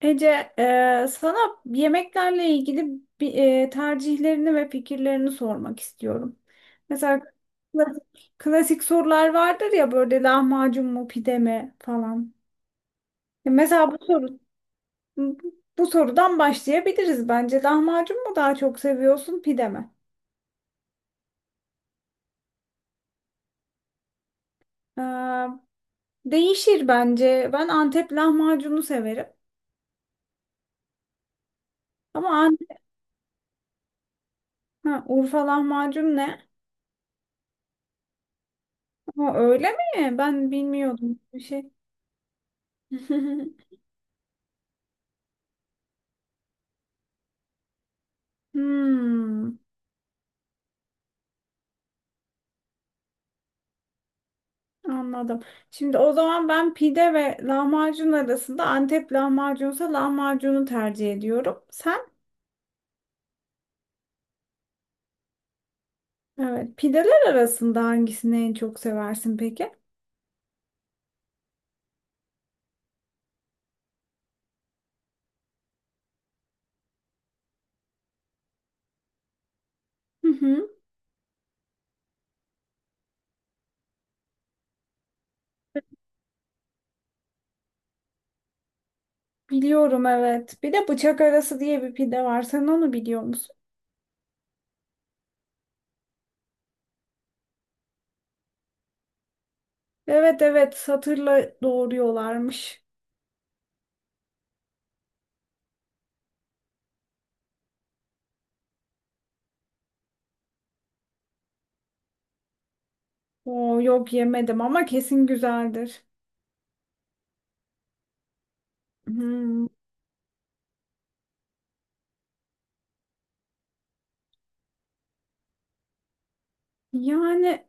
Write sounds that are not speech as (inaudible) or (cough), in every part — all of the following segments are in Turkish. Ece, sana yemeklerle ilgili bir, tercihlerini ve fikirlerini sormak istiyorum. Mesela klasik sorular vardır ya böyle lahmacun mu pide mi falan. Mesela bu sorudan başlayabiliriz bence. Lahmacun mu daha çok seviyorsun pide mi? E, Değişir bence. Ben Antep lahmacunu severim. Ama An- ha, Urfa lahmacun ne? Ama öyle mi? Ben bilmiyordum bir şey. (laughs) Hmm, anladım. Şimdi o zaman ben pide ve lahmacun arasında Antep lahmacunsa lahmacunu tercih ediyorum. Sen? Evet. Pideler arasında hangisini en çok seversin peki? Hı hı. Biliyorum evet. Bir de bıçak arası diye bir pide var. Sen onu biliyor musun? Evet evet, satırla doğruyorlarmış. Oo, yok yemedim ama kesin güzeldir. Hmm. Yani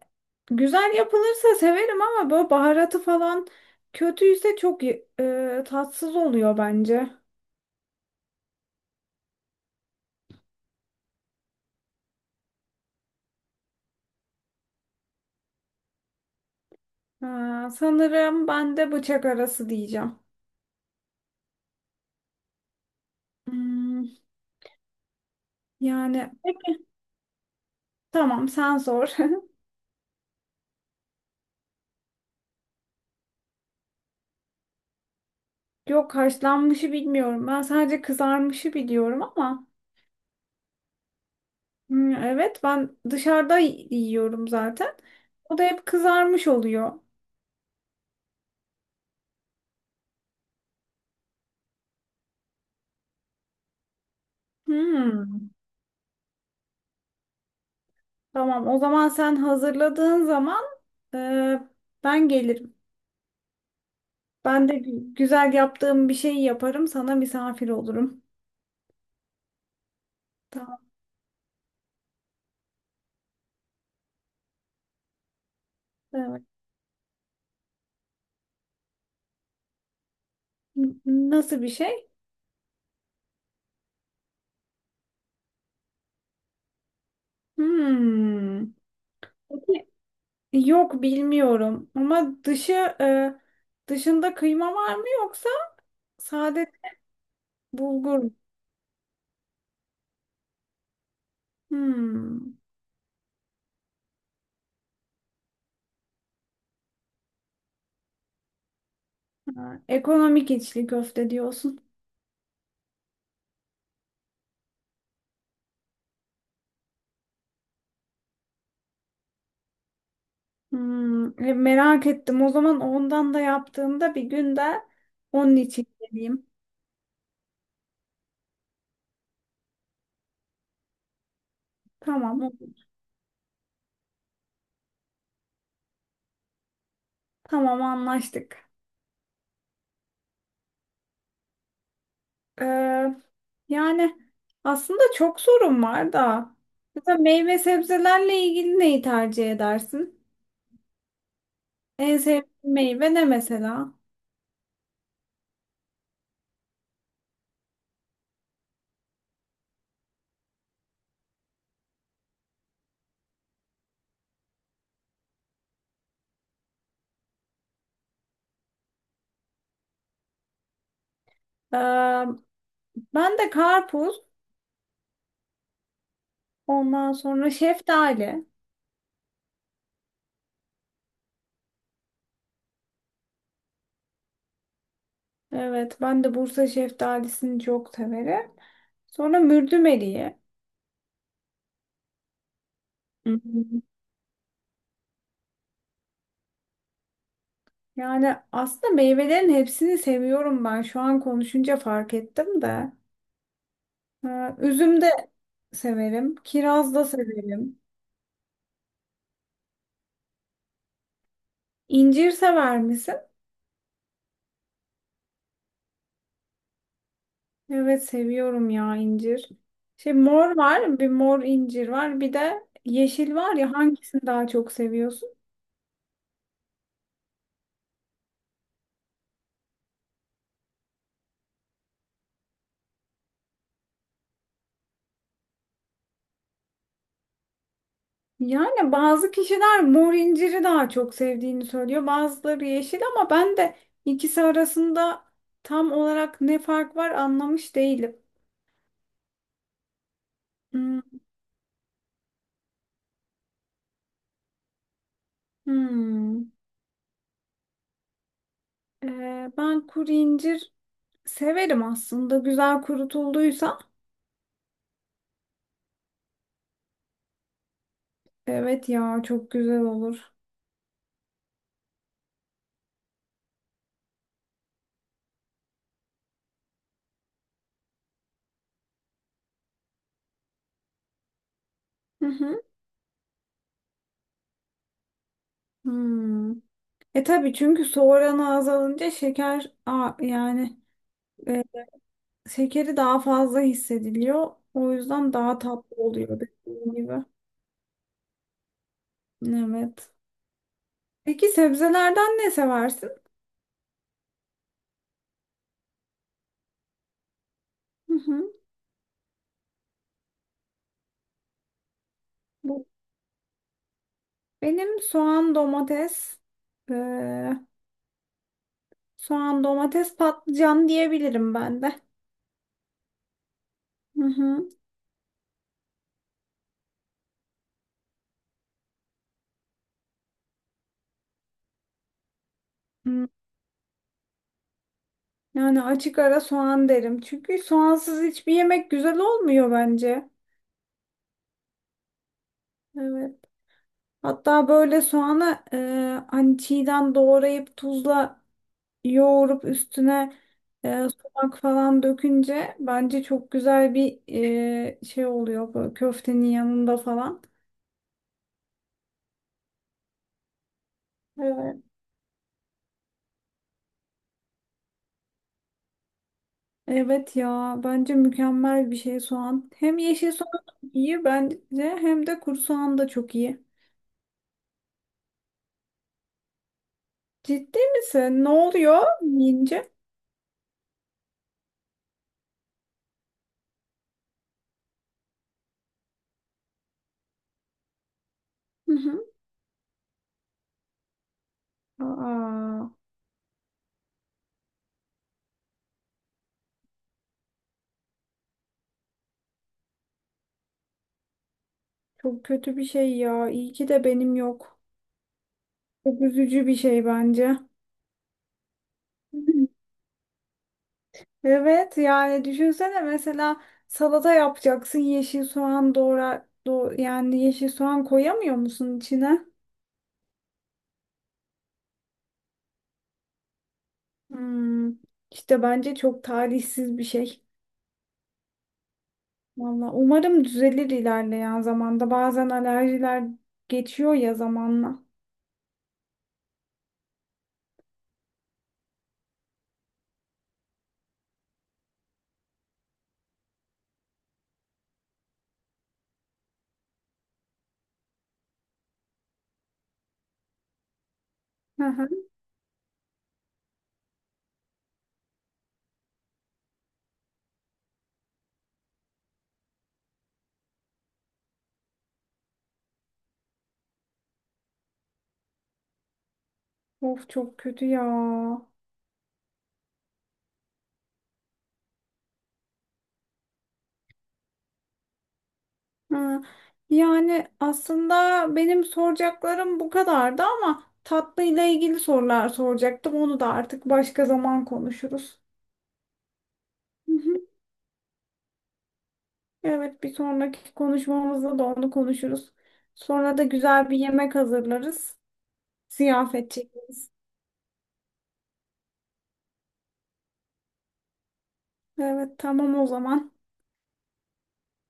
güzel yapılırsa severim ama böyle baharatı falan kötüyse çok tatsız oluyor bence. Ha, sanırım ben de bıçak arası diyeceğim. Hmm, yani tamam sen sor. (laughs) Yok, haşlanmışı bilmiyorum. Ben sadece kızarmışı biliyorum ama hmm, evet ben dışarıda yiyorum zaten. O da hep kızarmış oluyor. Hmm, tamam o zaman sen hazırladığın zaman e, ben gelirim. Ben de güzel yaptığım bir şey yaparım. Sana misafir olurum. Tamam. Evet. Nasıl bir şey? Hmm. Peki, yok bilmiyorum. Ama dışı e, dışında kıyma var mı yoksa sade bulgur mu? Hmm. Ha, ekonomik içli köfte diyorsun. Hmm. E, merak ettim. O zaman ondan da yaptığımda bir gün de onun için geleyim. Tamam. Tamam, anlaştık. Ee, Yani aslında çok sorun var da. Mesela meyve sebzelerle ilgili neyi tercih edersin? En sevdiğin meyve ne mesela? Ee, Ben de karpuz, ondan sonra şeftali. Evet, ben de Bursa şeftalisini çok severim. Sonra mürdümeliyi. Hı hı. Yani aslında meyvelerin hepsini seviyorum ben. Şu an konuşunca fark ettim de. Ha, üzüm de severim. Kiraz da severim. İncir sever misin? Evet, seviyorum ya incir. Şey, mor var, bir mor incir var, bir de yeşil var ya, hangisini daha çok seviyorsun? Yani bazı kişiler mor inciri daha çok sevdiğini söylüyor, bazıları yeşil ama ben de ikisi arasında tam olarak ne fark var anlamış değilim. Hmm, hmm. Ben kuru incir severim aslında, güzel kurutulduysa. Evet ya, çok güzel olur. Hı hı. Hmm. E tabii, çünkü su oranı azalınca yani e, şekeri daha fazla hissediliyor. O yüzden daha tatlı oluyor, dediğim gibi. Evet. Peki sebzelerden ne seversin? Hı hı. Bu. Benim soğan, domates, eee, patlıcan diyebilirim ben de. Hı hı. Hı. Yani açık ara soğan derim. Çünkü soğansız hiçbir yemek güzel olmuyor bence. Evet. Hatta böyle soğanı hani çiğden doğrayıp tuzla yoğurup üstüne sumak falan dökünce bence çok güzel bir şey oluyor böyle, köftenin yanında falan. Evet. Evet ya, bence mükemmel bir şey soğan. Hem yeşil soğan iyi bence, hem de kuru soğan da çok iyi. Ciddi misin? Ne oluyor yiyince? Hı hı. Aa, çok kötü bir şey ya. İyi ki de benim yok. Çok üzücü bir şey bence. (laughs) Evet, yani düşünsene mesela salata yapacaksın, yeşil soğan doğra do yani yeşil soğan koyamıyor musun içine? Hmm, işte bence çok talihsiz bir şey. Valla umarım düzelir ilerleyen zamanda. Bazen alerjiler geçiyor ya zamanla. Hı hı. Of çok kötü ya. Hı. Yani aslında benim soracaklarım bu kadardı ama tatlıyla ilgili sorular soracaktım. Onu da artık başka zaman konuşuruz. (laughs) Evet, bir sonraki konuşmamızda da onu konuşuruz. Sonra da güzel bir yemek hazırlarız. Ziyafet çekeriz. Evet, tamam o zaman.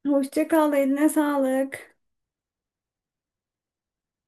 Hoşça kal, eline sağlık.